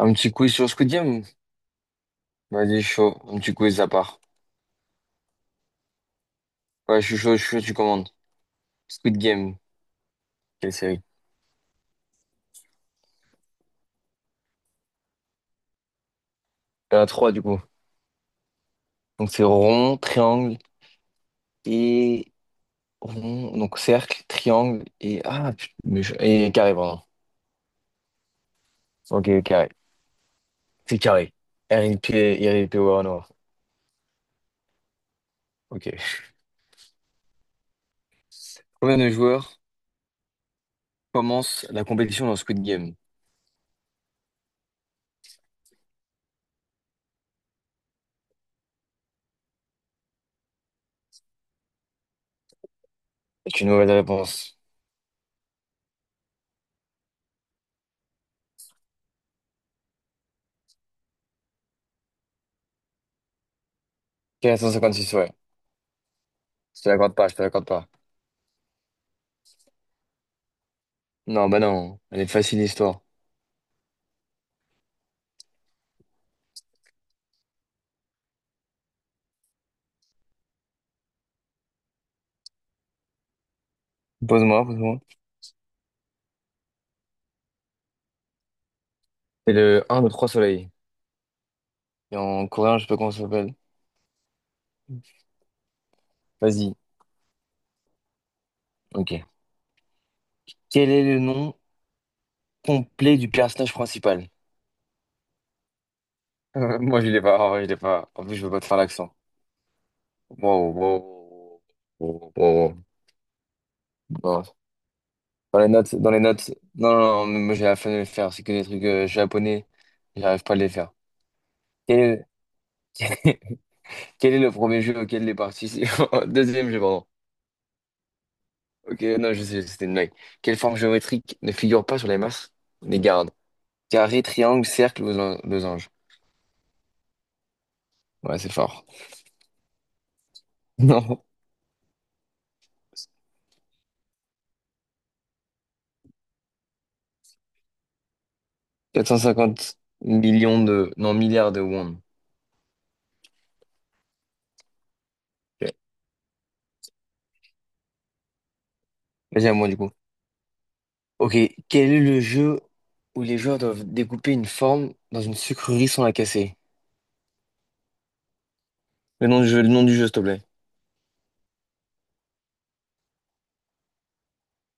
Un petit quiz sur Squid Game? Vas-y, chaud. Un petit quiz à part. Ouais, je suis chaud, tu commandes. Squid Game. Quelle série? Il y en a trois, du coup. Donc, c'est rond, triangle et rond. Donc, cercle, triangle et. Ah, et carré, pardon. Ok, carré. C'est carré. RIP, RIP Warner. Ok. Combien de joueurs commencent la compétition dans Squid Game? C'est une mauvaise réponse. Quatre cent cinquante-six ouais. Je te l'accorde pas. Non, bah non. Elle est facile, l'histoire. Pose-moi. C'est le un de 3 soleils. Et en coréen, je sais pas comment ça s'appelle. Vas-y. Ok. Quel est le nom complet du personnage principal? Moi, je l'ai pas. En vrai, je l'ai pas. En plus, je veux pas te faire l'accent. Wow, wow, wow, wow, wow, wow. Non. Dans les notes. Non, non, non, moi, j'ai la flemme de le faire. C'est que des trucs japonais. J'arrive pas à les faire. Quel est quel est le premier jeu auquel les Deuxième jeu, pardon. Ok, non, je sais, c'était une blague. Quelle forme géométrique ne figure pas sur les masses des gardes? Carré, triangle, cercle, losange. Ouais, c'est fort. Non. 450 millions de... Non, milliards de won. Ok. Vas-y, à moi, du coup. Ok, quel est le jeu où les joueurs doivent découper une forme dans une sucrerie sans la casser? Le nom du jeu, s'il te plaît.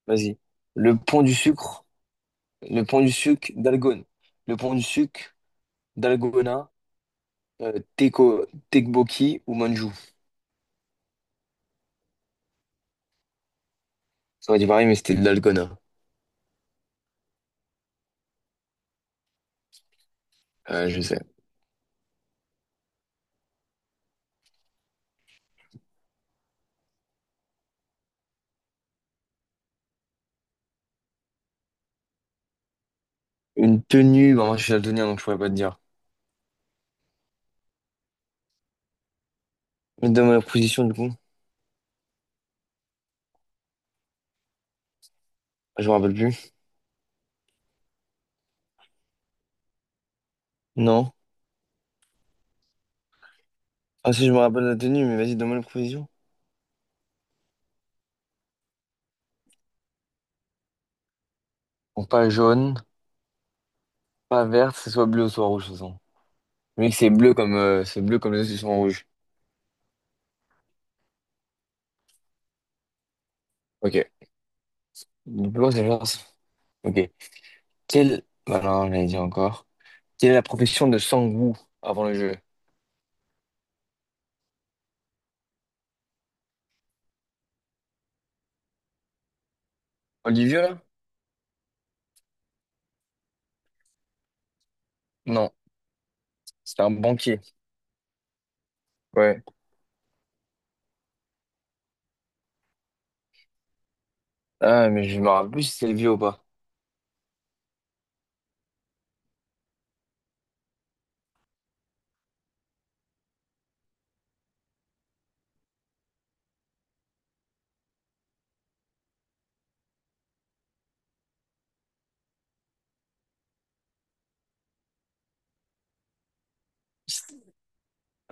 Vas-y. Le pont du sucre. Le pont du sucre d'Algone. Le pont du sucre d'Algona. Teko, Tekboki ou Manjou. Ça aurait dit pareil, mais c'était de l'Algona. Je sais. Une tenue. Bon, moi, je suis daltonien, donc je pourrais pas te dire. Mais donne-moi la position, du coup. Je me rappelle plus. Non. Ah si, je me rappelle la tenue, mais vas-y, donne-moi les provisions. Bon, pas jaune, pas verte, c'est soit bleu ou soit rouge, de toute façon. Le mec, c'est bleu comme les autres, ils sont rouges. Ok. Bleu, c'est genre... Ok. Quelle... Bah non, j'allais dire encore. Quelle est la profession de Sang-woo avant le jeu? Olivier, là? Non. C'était un banquier. Ouais. Ah, mais je me rappelle plus si c'est le ou pas.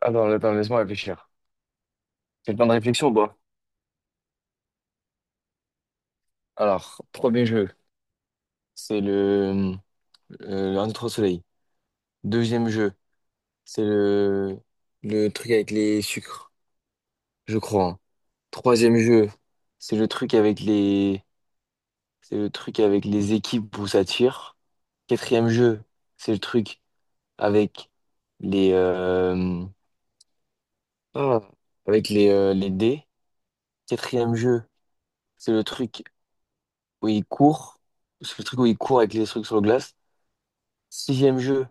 Attends, laisse-moi réfléchir. C'est le temps de réflexion ou pas? Alors, premier jeu, c'est le... Un trois soleils. Deuxième jeu. C'est le truc avec les sucres, je crois, hein. Troisième jeu, c'est le truc avec les équipes où ça tire. Quatrième jeu, c'est le truc avec les, ah, avec les dés. Quatrième jeu, c'est le truc où il court. C'est le truc où il court avec les trucs sur le glace. Sixième jeu,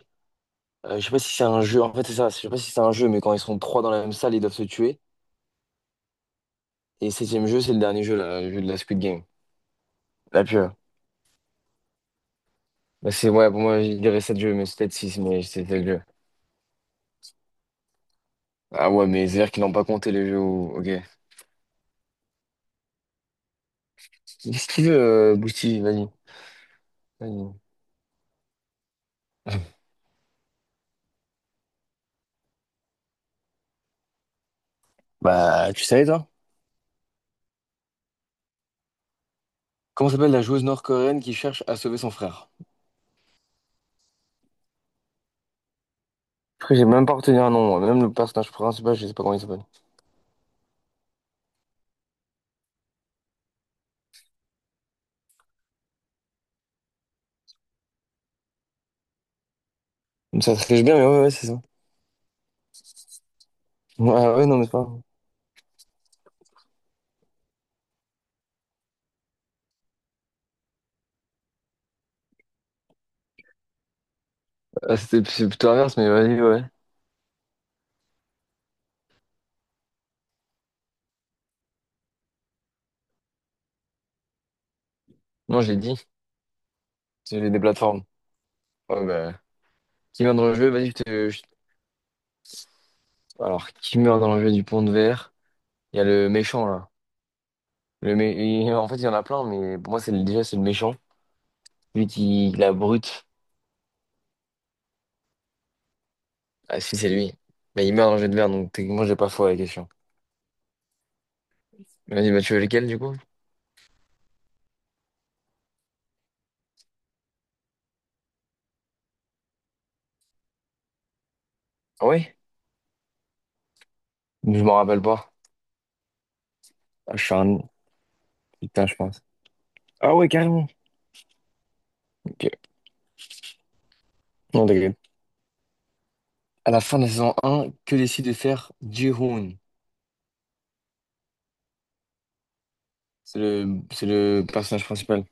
je sais pas si c'est un jeu. En fait, c'est ça. Je sais pas si c'est un jeu, mais quand ils sont trois dans la même salle, ils doivent se tuer. Et septième jeu, c'est le dernier jeu, là, le jeu de la Squid Game. La pure. Bah c'est ouais, pour moi, je dirais 7 jeux, mais c'est peut-être 6 mais c'est 7 jeux. Ah ouais, mais c'est-à-dire qu'ils n'ont pas compté les jeux où... Ok. Qu'est-ce qu'il veut, Bouti? Vas-y. Vas-y. Bah, tu savais, toi? Comment s'appelle la joueuse nord-coréenne qui cherche à sauver son frère? Après, j'ai même pas retenu un nom, moi. Même le personnage principal, je sais pas comment il s'appelle. Mais ça triche bien, mais ouais, ouais, c'est ça. Ouais, ah ouais, non, mais c'est pas grave. Ah, c'est plutôt inverse, mais vas-y, ouais. Non, je l'ai dit. C'est des plateformes. Ouais, bah. Qui meurt dans le jeu? Vas-y, Alors, qui meurt dans le jeu du pont de verre? Il y a le méchant, là. Le mé- en fait, il y en a plein, mais pour moi, déjà, c'est le méchant. Lui qui la brute. Ah, si, c'est lui. Mais il meurt dans le jeu de merde, donc techniquement, j'ai pas faux à la question. Vas-y, bah, tu veux lequel, du coup? Ah ouais? Je m'en rappelle pas. Ah, je suis un... Putain, je pense. Ah ouais, carrément. Ok. Non, t'inquiète. À la fin de la saison un que décide de faire Ji-hoon? C'est le personnage principal.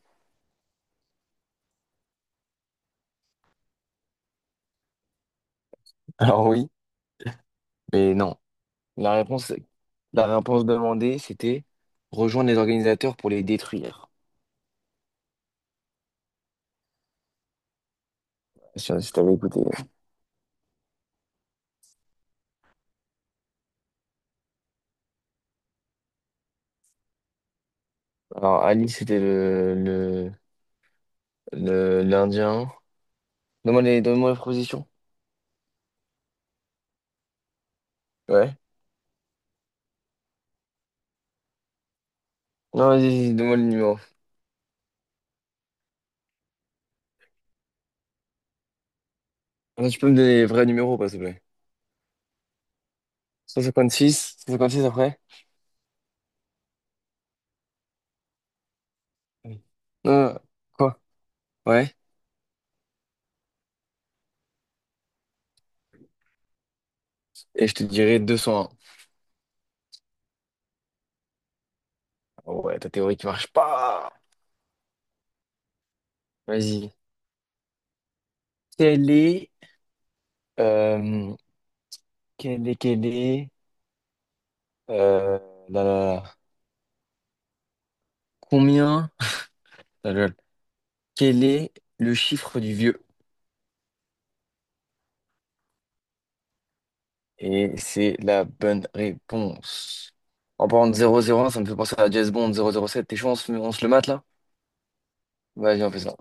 Alors oui, mais non. La réponse, la réponse demandée, c'était rejoindre les organisateurs pour les détruire. Je sais pas si t'avais écouté. Alors, Ali, c'était l'Indien. Donne-moi les propositions. Ouais. Non, vas-y, donne-moi le numéro. Ah, tu peux me donner les vrais numéros, pas, s'il te plaît. 156, 156 après? Oui. Non, quoi? Ouais. Et je te dirai 201. Oh ouais, ta théorie qui marche pas. Vas-y. Quelle est, euh, quelle est, euh, là, là, là. Combien? Ah, lol. Quel est le chiffre du vieux? Et c'est la bonne réponse. En parlant de 001, ça me fait penser à James Bond 007. T'es chaud, on se le mate là? Vas-y, on fait ça.